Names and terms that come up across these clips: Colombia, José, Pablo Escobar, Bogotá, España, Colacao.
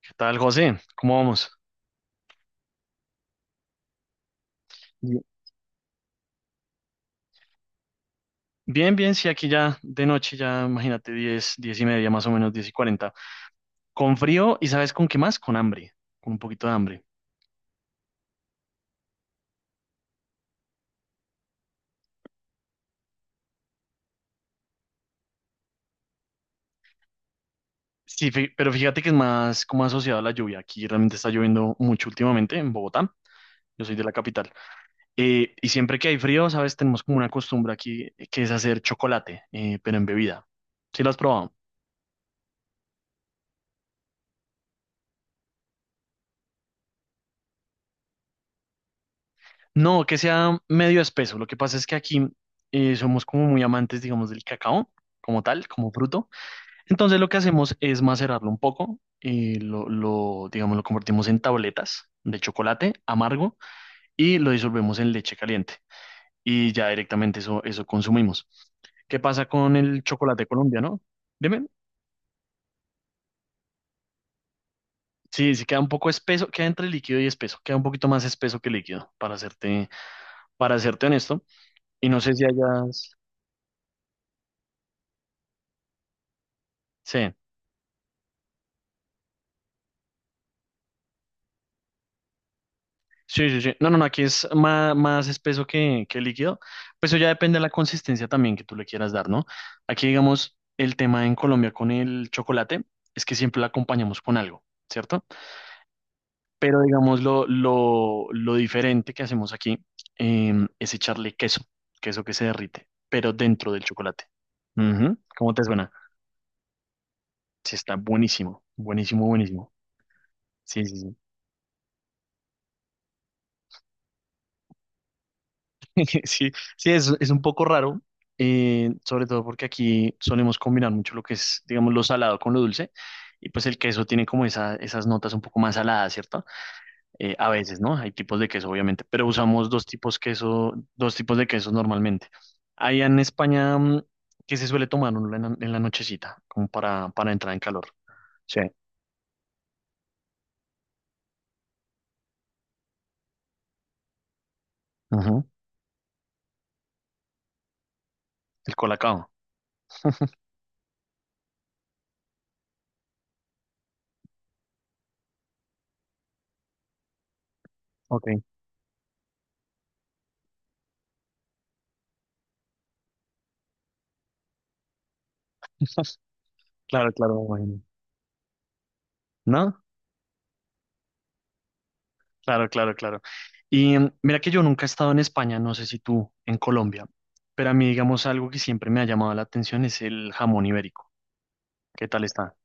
¿Qué tal, José? ¿Cómo vamos? Bien, bien, bien, sí, aquí ya de noche, ya imagínate, 10, 10:30, más o menos, 10:40. Con frío y, ¿sabes con qué más? Con hambre, con un poquito de hambre. Sí, pero fíjate que es más como asociado a la lluvia. Aquí realmente está lloviendo mucho últimamente en Bogotá. Yo soy de la capital. Y siempre que hay frío, ¿sabes? Tenemos como una costumbre aquí, que es hacer chocolate, pero en bebida. ¿Sí lo has probado? No, que sea medio espeso. Lo que pasa es que aquí somos como muy amantes, digamos, del cacao como tal, como fruto. Entonces lo que hacemos es macerarlo un poco, digamos, lo convertimos en tabletas de chocolate amargo y lo disolvemos en leche caliente y ya directamente eso consumimos. ¿Qué pasa con el chocolate colombiano? Dime. Sí, sí queda un poco espeso, queda entre líquido y espeso, queda un poquito más espeso que líquido, para serte honesto. Y no sé si hayas... Sí. Sí, sí, sí. No, no, no, aquí es más, más espeso que líquido. Pues eso ya depende de la consistencia también que tú le quieras dar, ¿no? Aquí, digamos, el tema en Colombia con el chocolate es que siempre lo acompañamos con algo, ¿cierto? Pero, digamos, lo diferente que hacemos aquí es echarle queso, queso que se derrite, pero dentro del chocolate. Ujú. ¿Cómo te suena? Sí, está buenísimo, buenísimo, buenísimo. Sí, sí, sí. Sí, sí, es un poco raro, sobre todo porque aquí solemos combinar mucho lo que es, digamos, lo salado con lo dulce, y pues el queso tiene como esas notas un poco más saladas, ¿cierto? A veces, ¿no? Hay tipos de queso, obviamente, pero usamos dos tipos de quesos normalmente. Allá en España, ¿qué se suele tomar uno en la nochecita? Como para entrar en calor. Sí. Ujú. El colacao. Ok, claro, claro, me imagino. ¿No? Claro, claro, claro. Y mira que yo nunca he estado en España, no sé si tú en Colombia, pero a mí, digamos, algo que siempre me ha llamado la atención es el jamón ibérico. ¿Qué tal está?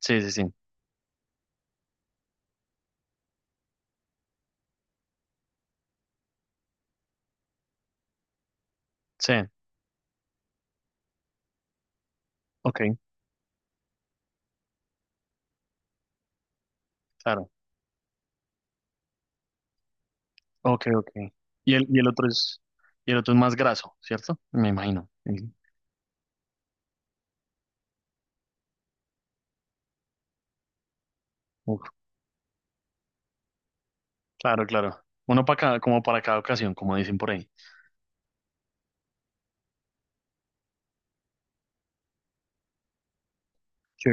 Sí, sí, sí. Sí, ok, claro. Ok, ok. Y el otro es, y el otro es más graso, ¿cierto? Me imagino. Sí. Uf, claro, claro. Uno para cada, como para cada ocasión, como dicen por ahí. Sí.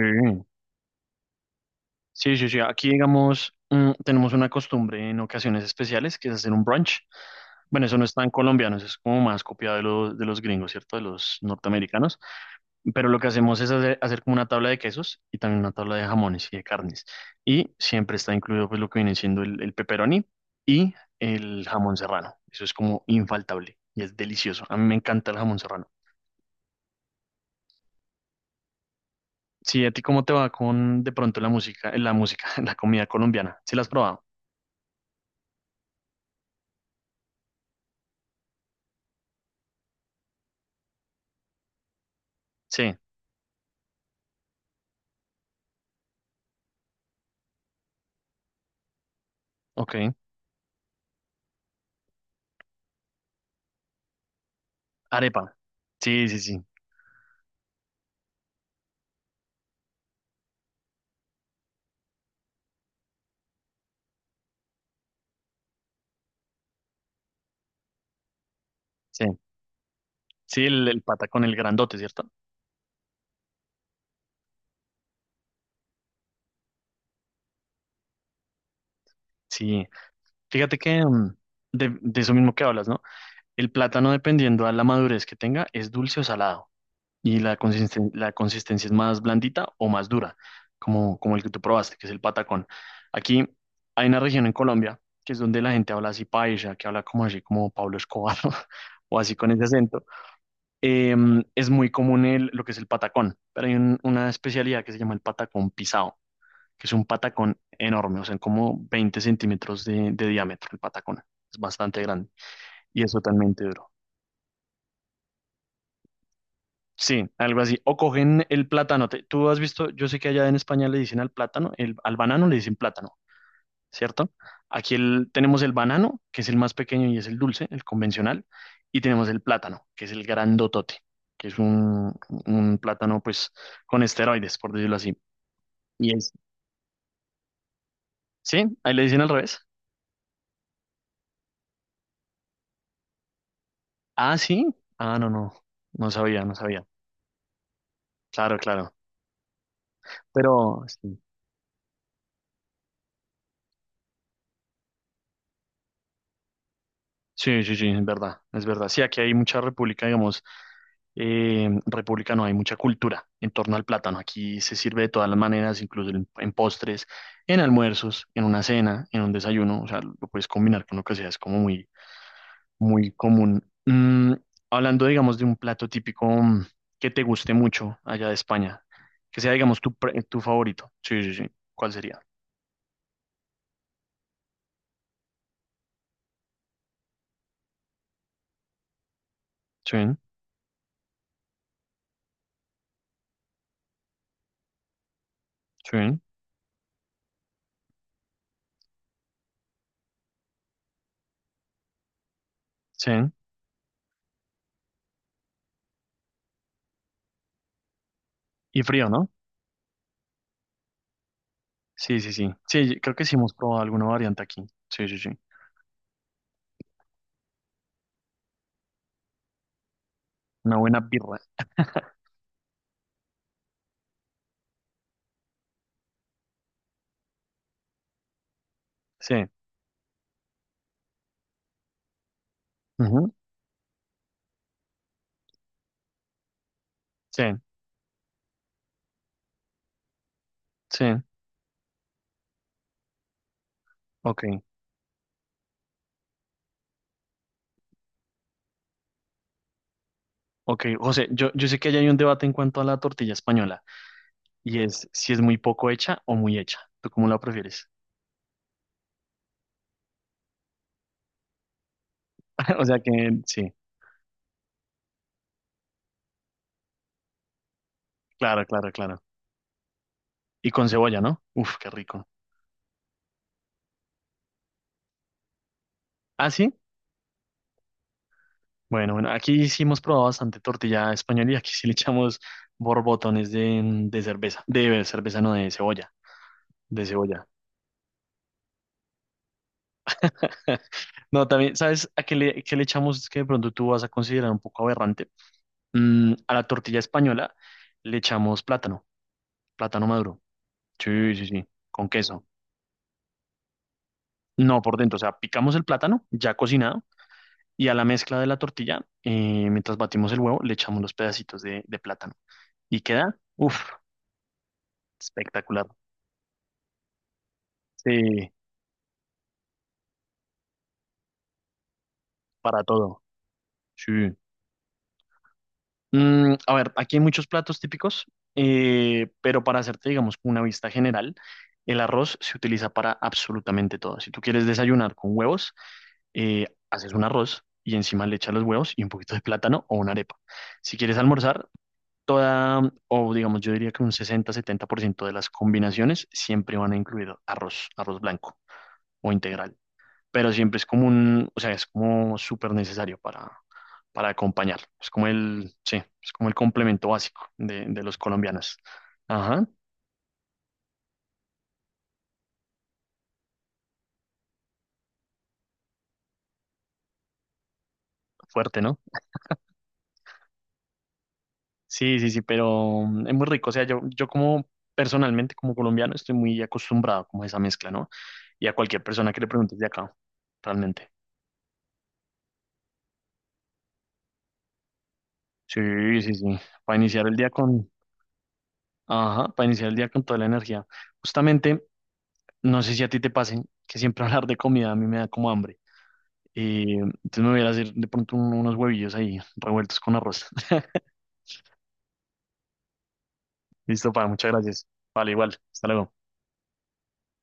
Sí, sí, sí. Aquí, digamos, tenemos una costumbre en ocasiones especiales que es hacer un brunch. Bueno, eso no es tan colombiano, eso es como más copiado de los gringos, ¿cierto? De los norteamericanos. Pero lo que hacemos es hacer como una tabla de quesos y también una tabla de jamones y de carnes. Y siempre está incluido pues lo que viene siendo el pepperoni y el jamón serrano. Eso es como infaltable y es delicioso. A mí me encanta el jamón serrano. Sí, ¿a ti cómo te va con de pronto la música, la comida colombiana? ¿Sí la has probado? Sí, ok. Arepa. Sí, sí, sí. Sí, sí el pata con el grandote, ¿cierto? Sí. Fíjate que mm, de eso mismo que hablas, ¿no? El plátano, dependiendo a la madurez que tenga, es dulce o salado. Y la la consistencia es más blandita o más dura, como, como el que tú probaste, que es el patacón. Aquí hay una región en Colombia que es donde la gente habla así paisa, que habla como así, como Pablo Escobar, o así con ese acento. Eh, es muy común el, lo que es el patacón, pero hay una especialidad que se llama el patacón pisado, que es un patacón enorme, o sea, como 20 centímetros de diámetro el patacón. Es bastante grande y es totalmente duro. Sí, algo así. O cogen el plátano. Tú has visto, yo sé que allá en España le dicen al plátano, el, al banano le dicen plátano, ¿cierto? Aquí el- tenemos el banano, que es el más pequeño y es el dulce, el convencional, y tenemos el plátano, que es el grandotote, que es un plátano pues con esteroides, por decirlo así. Y es, ¿sí? Ahí le dicen al revés. Ah, sí. Ah, no, no. No sabía, no sabía. Claro, claro. Pero sí, sí, sí, sí, es verdad, es verdad. Sí, aquí hay mucha república, digamos, república no, hay mucha cultura en torno al plátano. Aquí se sirve de todas las maneras, incluso en postres, en almuerzos, en una cena, en un desayuno. O sea, lo puedes combinar con lo que sea, es como muy, muy común. Hablando, digamos, de un plato típico, que te guste mucho allá de España, que sea, digamos, tu, tu favorito. Sí, sí, sí. ¿Cuál sería? Sí, sí, sí. Y frío, ¿no? Sí, sí, sí. Sí, creo que sí hemos probado alguna variante aquí. Sí, sí, sí. Una buena birra. Sí. Ujú. Sí, sí. Ok, ok. José, yo sé que allá hay un debate en cuanto a la tortilla española, y es si es muy poco hecha o muy hecha. ¿Tú cómo la prefieres? O sea que sí, claro, claro, claro. Y con cebolla, ¿no? Uf, qué rico. ¿Ah, sí? Bueno, bueno, aquí sí hemos probado bastante tortilla española y aquí sí le echamos borbotones de cerveza. De cerveza, no, de cebolla. De cebolla. No, también, ¿sabes a qué le echamos? Es que de pronto tú vas a considerar un poco aberrante. A la tortilla española le echamos plátano, plátano maduro. Sí, sí, sí, con queso. No, por dentro, o sea, picamos el plátano ya cocinado y a la mezcla de la tortilla, mientras batimos el huevo, le echamos los pedacitos de plátano. Y queda, uff, espectacular. Sí, para todo. Sí. A ver, aquí hay muchos platos típicos, pero para hacerte, digamos, como una vista general, el arroz se utiliza para absolutamente todo. Si tú quieres desayunar con huevos, haces un arroz y encima le echas los huevos y un poquito de plátano o una arepa. Si quieres almorzar, toda, o digamos, yo diría que un 60-70% de las combinaciones siempre van a incluir arroz, arroz blanco o integral. Pero siempre es como un, o sea, es como súper necesario para acompañar. Es como el, sí, es como el complemento básico de los colombianos. Ajá, fuerte, ¿no? Sí, sí, sí, pero es muy rico. O sea, yo como personalmente, como colombiano, estoy muy acostumbrado como a esa mezcla, ¿no? Y a cualquier persona que le preguntes de acá, realmente. Sí, sí, sí. Para iniciar el día con, ajá, para iniciar el día con toda la energía. Justamente, no sé si a ti te pase que siempre hablar de comida a mí me da como hambre. Entonces me voy a ir a hacer de pronto unos huevillos ahí revueltos con arroz. Listo, pa, muchas gracias. Vale, igual. Hasta luego.